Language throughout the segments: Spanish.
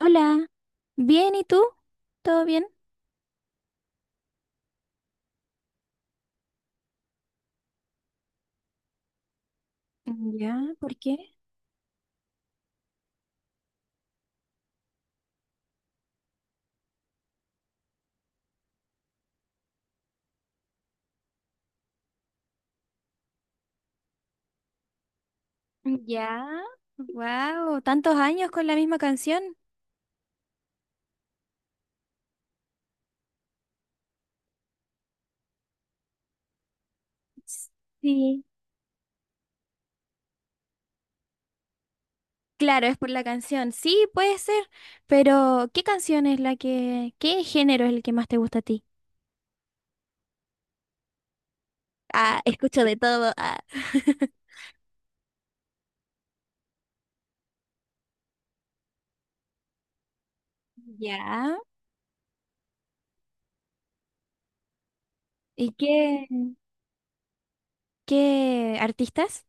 Hola, bien, ¿y tú? ¿Todo bien? Ya, ¿por qué? Ya, wow, tantos años con la misma canción. Sí. Claro, es por la canción. Sí, puede ser, pero ¿qué canción es la que, qué género es el que más te gusta a ti? Ah, escucho de todo. Ah. Ya. ¿Y qué, qué artistas?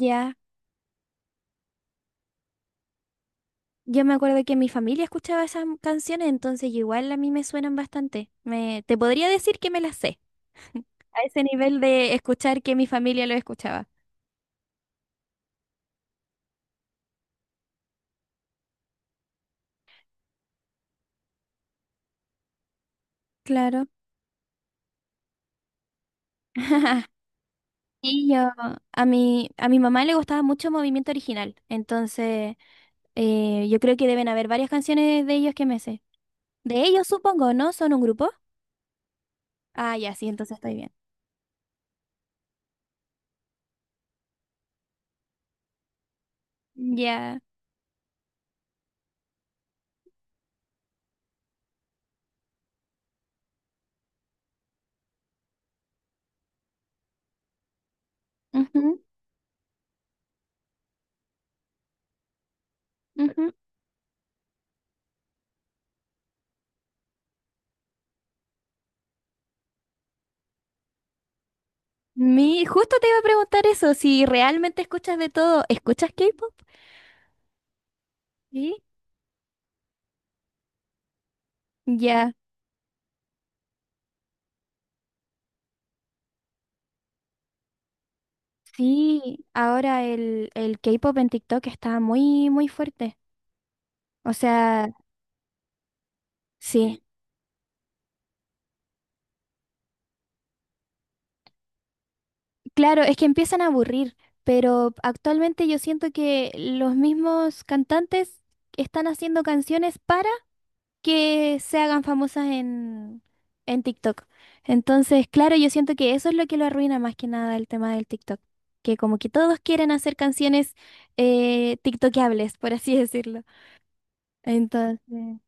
Ya, yo me acuerdo que mi familia escuchaba esas canciones, entonces igual a mí me suenan bastante. Me, te podría decir que me las sé. A ese nivel de escuchar que mi familia lo escuchaba. Claro. Y yo, a mi mamá le gustaba mucho Movimiento Original, entonces yo creo que deben haber varias canciones de ellos que me sé. De ellos supongo, ¿no? ¿Son un grupo? Ah, ya, sí, entonces estoy bien. Ya. Ujú, ujú. Mi, justo te iba a preguntar eso, si realmente escuchas de todo, ¿escuchas K-pop? Sí. Ya. Sí, ahora el K-pop en TikTok está muy, muy fuerte. O sea... Sí, claro, es que empiezan a aburrir, pero actualmente yo siento que los mismos cantantes están haciendo canciones para que se hagan famosas en TikTok. Entonces, claro, yo siento que eso es lo que lo arruina más que nada el tema del TikTok, que como que todos quieren hacer canciones TikTokables, por así decirlo. Entonces,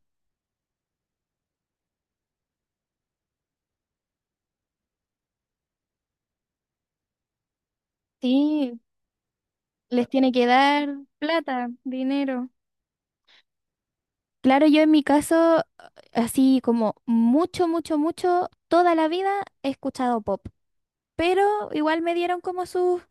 sí, les tiene que dar plata, dinero. Claro, yo en mi caso, así como mucho, mucho, mucho, toda la vida he escuchado pop, pero igual me dieron como sus,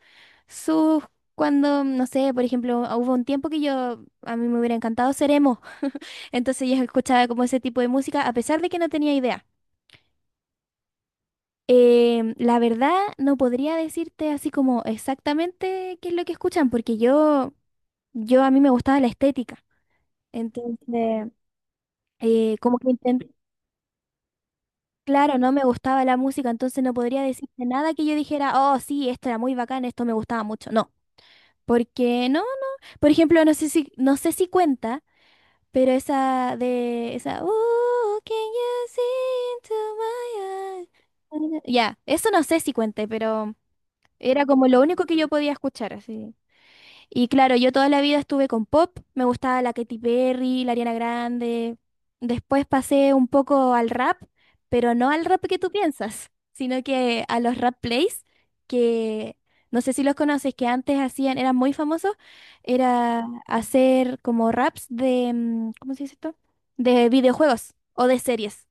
sus, cuando, no sé, por ejemplo, hubo un tiempo que yo, a mí me hubiera encantado ser emo, entonces yo escuchaba como ese tipo de música, a pesar de que no tenía idea. La verdad, no podría decirte así como exactamente qué es lo que escuchan, porque yo a mí me gustaba la estética, entonces, como que intento. Claro, no me gustaba la música, entonces no podría decirte nada que yo dijera, oh, sí, esto era muy bacán, esto me gustaba mucho. No, porque no, no. Por ejemplo, no sé si, no sé si cuenta, pero esa de, esa, "Ooh, can you see into my eyes?" Ya, eso no sé si cuente, pero era como lo único que yo podía escuchar, así. Y claro, yo toda la vida estuve con pop, me gustaba la Katy Perry, la Ariana Grande. Después pasé un poco al rap, pero no al rap que tú piensas, sino que a los rap plays, que no sé si los conoces, que antes hacían, eran muy famosos, era hacer como raps de, ¿cómo se dice esto? De videojuegos o de series.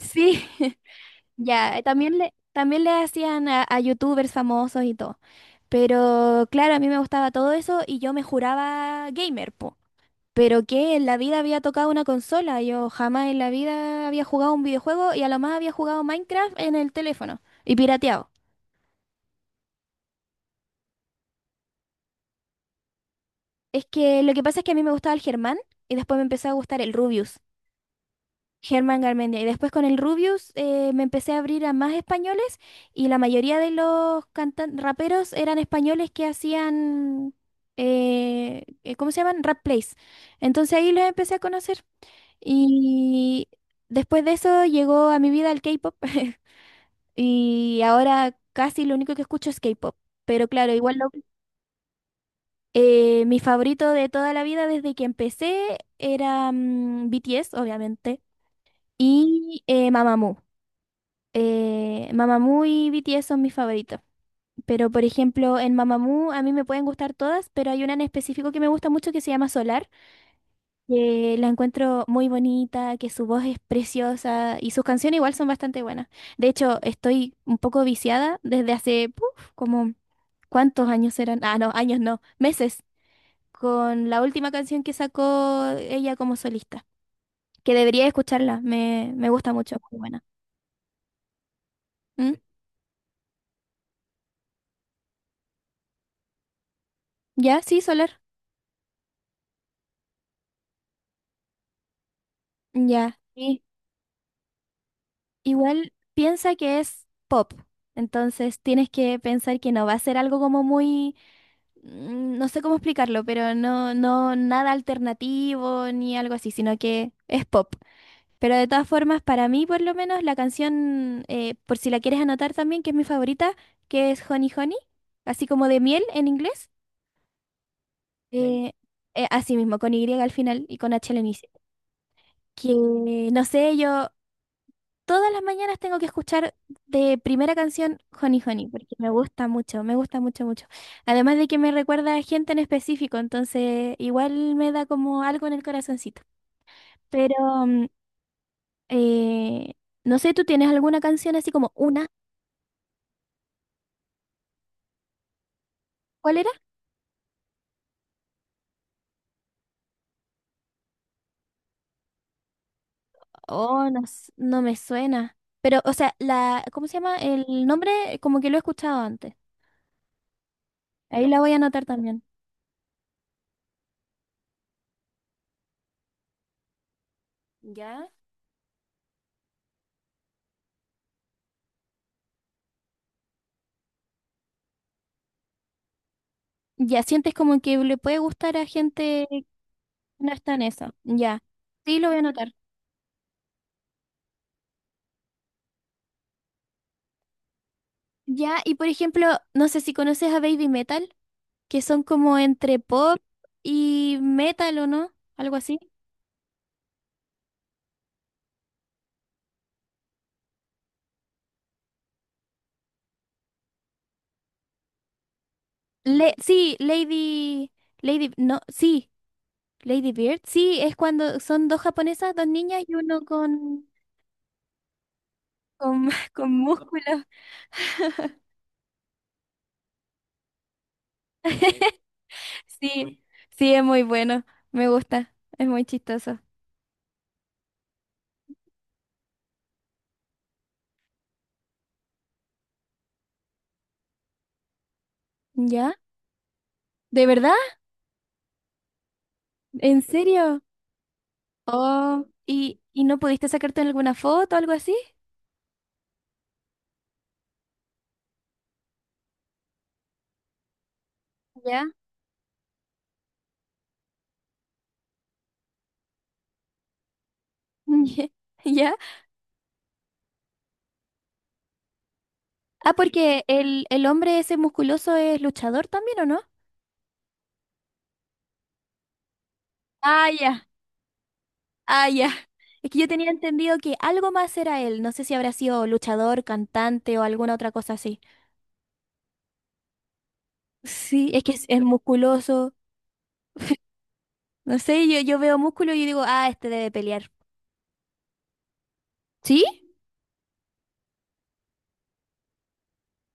Sí, ya, también le hacían a youtubers famosos y todo. Pero claro, a mí me gustaba todo eso y yo me juraba gamer, po. Pero que en la vida había tocado una consola, yo jamás en la vida había jugado un videojuego y a lo más había jugado Minecraft en el teléfono y pirateado. Es que lo que pasa es que a mí me gustaba el Germán y después me empezó a gustar el Rubius, Germán Garmendia. Y después con el Rubius me empecé a abrir a más españoles y la mayoría de los cantan raperos eran españoles que hacían, ¿cómo se llaman? Rap plays. Entonces ahí los empecé a conocer. Y después de eso llegó a mi vida el K-pop y ahora casi lo único que escucho es K-pop. Pero claro, igual lo- mi favorito de toda la vida desde que empecé era BTS, obviamente, y Mamamoo. Mamamoo y BTS son mis favoritos. Pero por ejemplo, en Mamamoo a mí me pueden gustar todas, pero hay una en específico que me gusta mucho que se llama Solar, que la encuentro muy bonita, que su voz es preciosa y sus canciones igual son bastante buenas. De hecho, estoy un poco viciada desde hace, puf, como, ¿cuántos años eran? Ah, no, años no, meses, con la última canción que sacó ella como solista, que debería escucharla, me gusta mucho, muy buena. ¿Mm? ¿Ya? Sí, Soler. Ya. Sí. Igual piensa que es pop, entonces tienes que pensar que no va a ser algo como muy... no sé cómo explicarlo, pero no, no nada alternativo ni algo así, sino que es pop. Pero de todas formas, para mí por lo menos la canción, por si la quieres anotar también, que es mi favorita, que es Honey Honey, así como de miel en inglés, eh, así mismo, con Y al final y con H al inicio. Que no sé, yo todas las mañanas tengo que escuchar de primera canción Honey Honey, porque me gusta mucho, mucho. Además de que me recuerda a gente en específico, entonces igual me da como algo en el corazoncito. Pero mm, eh, no sé, ¿tú tienes alguna canción así como una? ¿Cuál era? Oh, no, s- no me suena. Pero, o sea, la, ¿cómo se llama? El nombre como que lo he escuchado antes. Ahí la voy a anotar también. ¿Ya? Ya sientes como que le puede gustar a gente que no está en eso. Ya. Sí, lo voy a anotar. Ya, y por ejemplo, no sé si conoces a Baby Metal, que son como entre pop y metal, ¿o no? Algo así. Le- sí, Lady, Lady, no, sí, Lady Bird. Sí, es cuando son dos japonesas, dos niñas y uno con, con músculos. Sí, sí, es muy bueno, me gusta, es muy chistoso. ¿Ya? ¿De verdad? ¿En serio? Oh, y no pudiste sacarte alguna foto o algo así? ¿Ya? ¿Ya? Ah, porque el hombre ese musculoso es luchador también, ¿o no? Ah, ya, ah, ya. Es que yo tenía entendido que algo más era él. No sé si habrá sido luchador, cantante o alguna otra cosa así. Sí, es que es musculoso. No sé, yo veo músculo y digo, ah, este debe pelear. ¿Sí?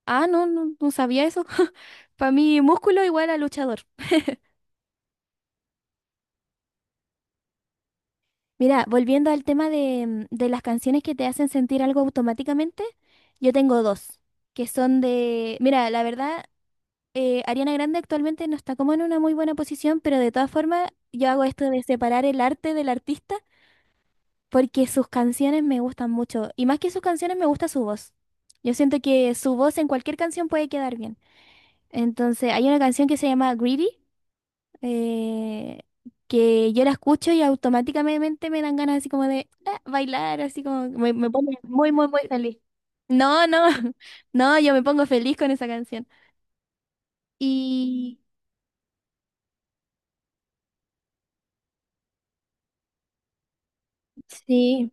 Ah, no, no, no sabía eso. Para mí, músculo igual a luchador. Mira, volviendo al tema de, de las canciones que te hacen sentir algo automáticamente, yo tengo dos, que son de... Mira, la verdad... Ariana Grande actualmente no está como en una muy buena posición, pero de todas formas yo hago esto de separar el arte del artista porque sus canciones me gustan mucho y más que sus canciones me gusta su voz. Yo siento que su voz en cualquier canción puede quedar bien. Entonces hay una canción que se llama Greedy eh, que yo la escucho y automáticamente me dan ganas así como de ah, bailar, así como me pone muy, muy, muy feliz. No, no, no, yo me pongo feliz con esa canción. Y sí.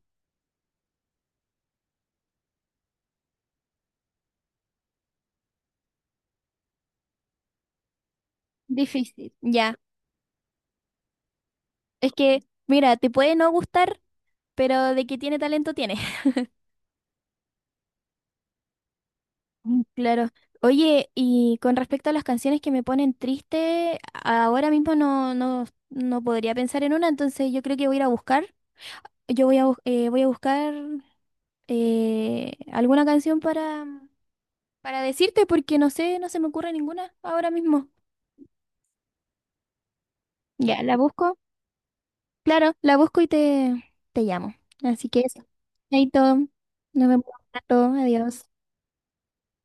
Difícil, ya. Es que, mira, te puede no gustar, pero de que tiene talento tiene. Claro. Oye, y con respecto a las canciones que me ponen triste, ahora mismo no, no, no podría pensar en una, entonces yo creo que voy a ir a buscar. Yo voy a, bus- voy a buscar alguna canción para decirte, porque no sé, no se me ocurre ninguna ahora mismo. Ya, la busco. Claro, la busco y te llamo. Así que eso. Chaito, nos vemos pronto. Adiós.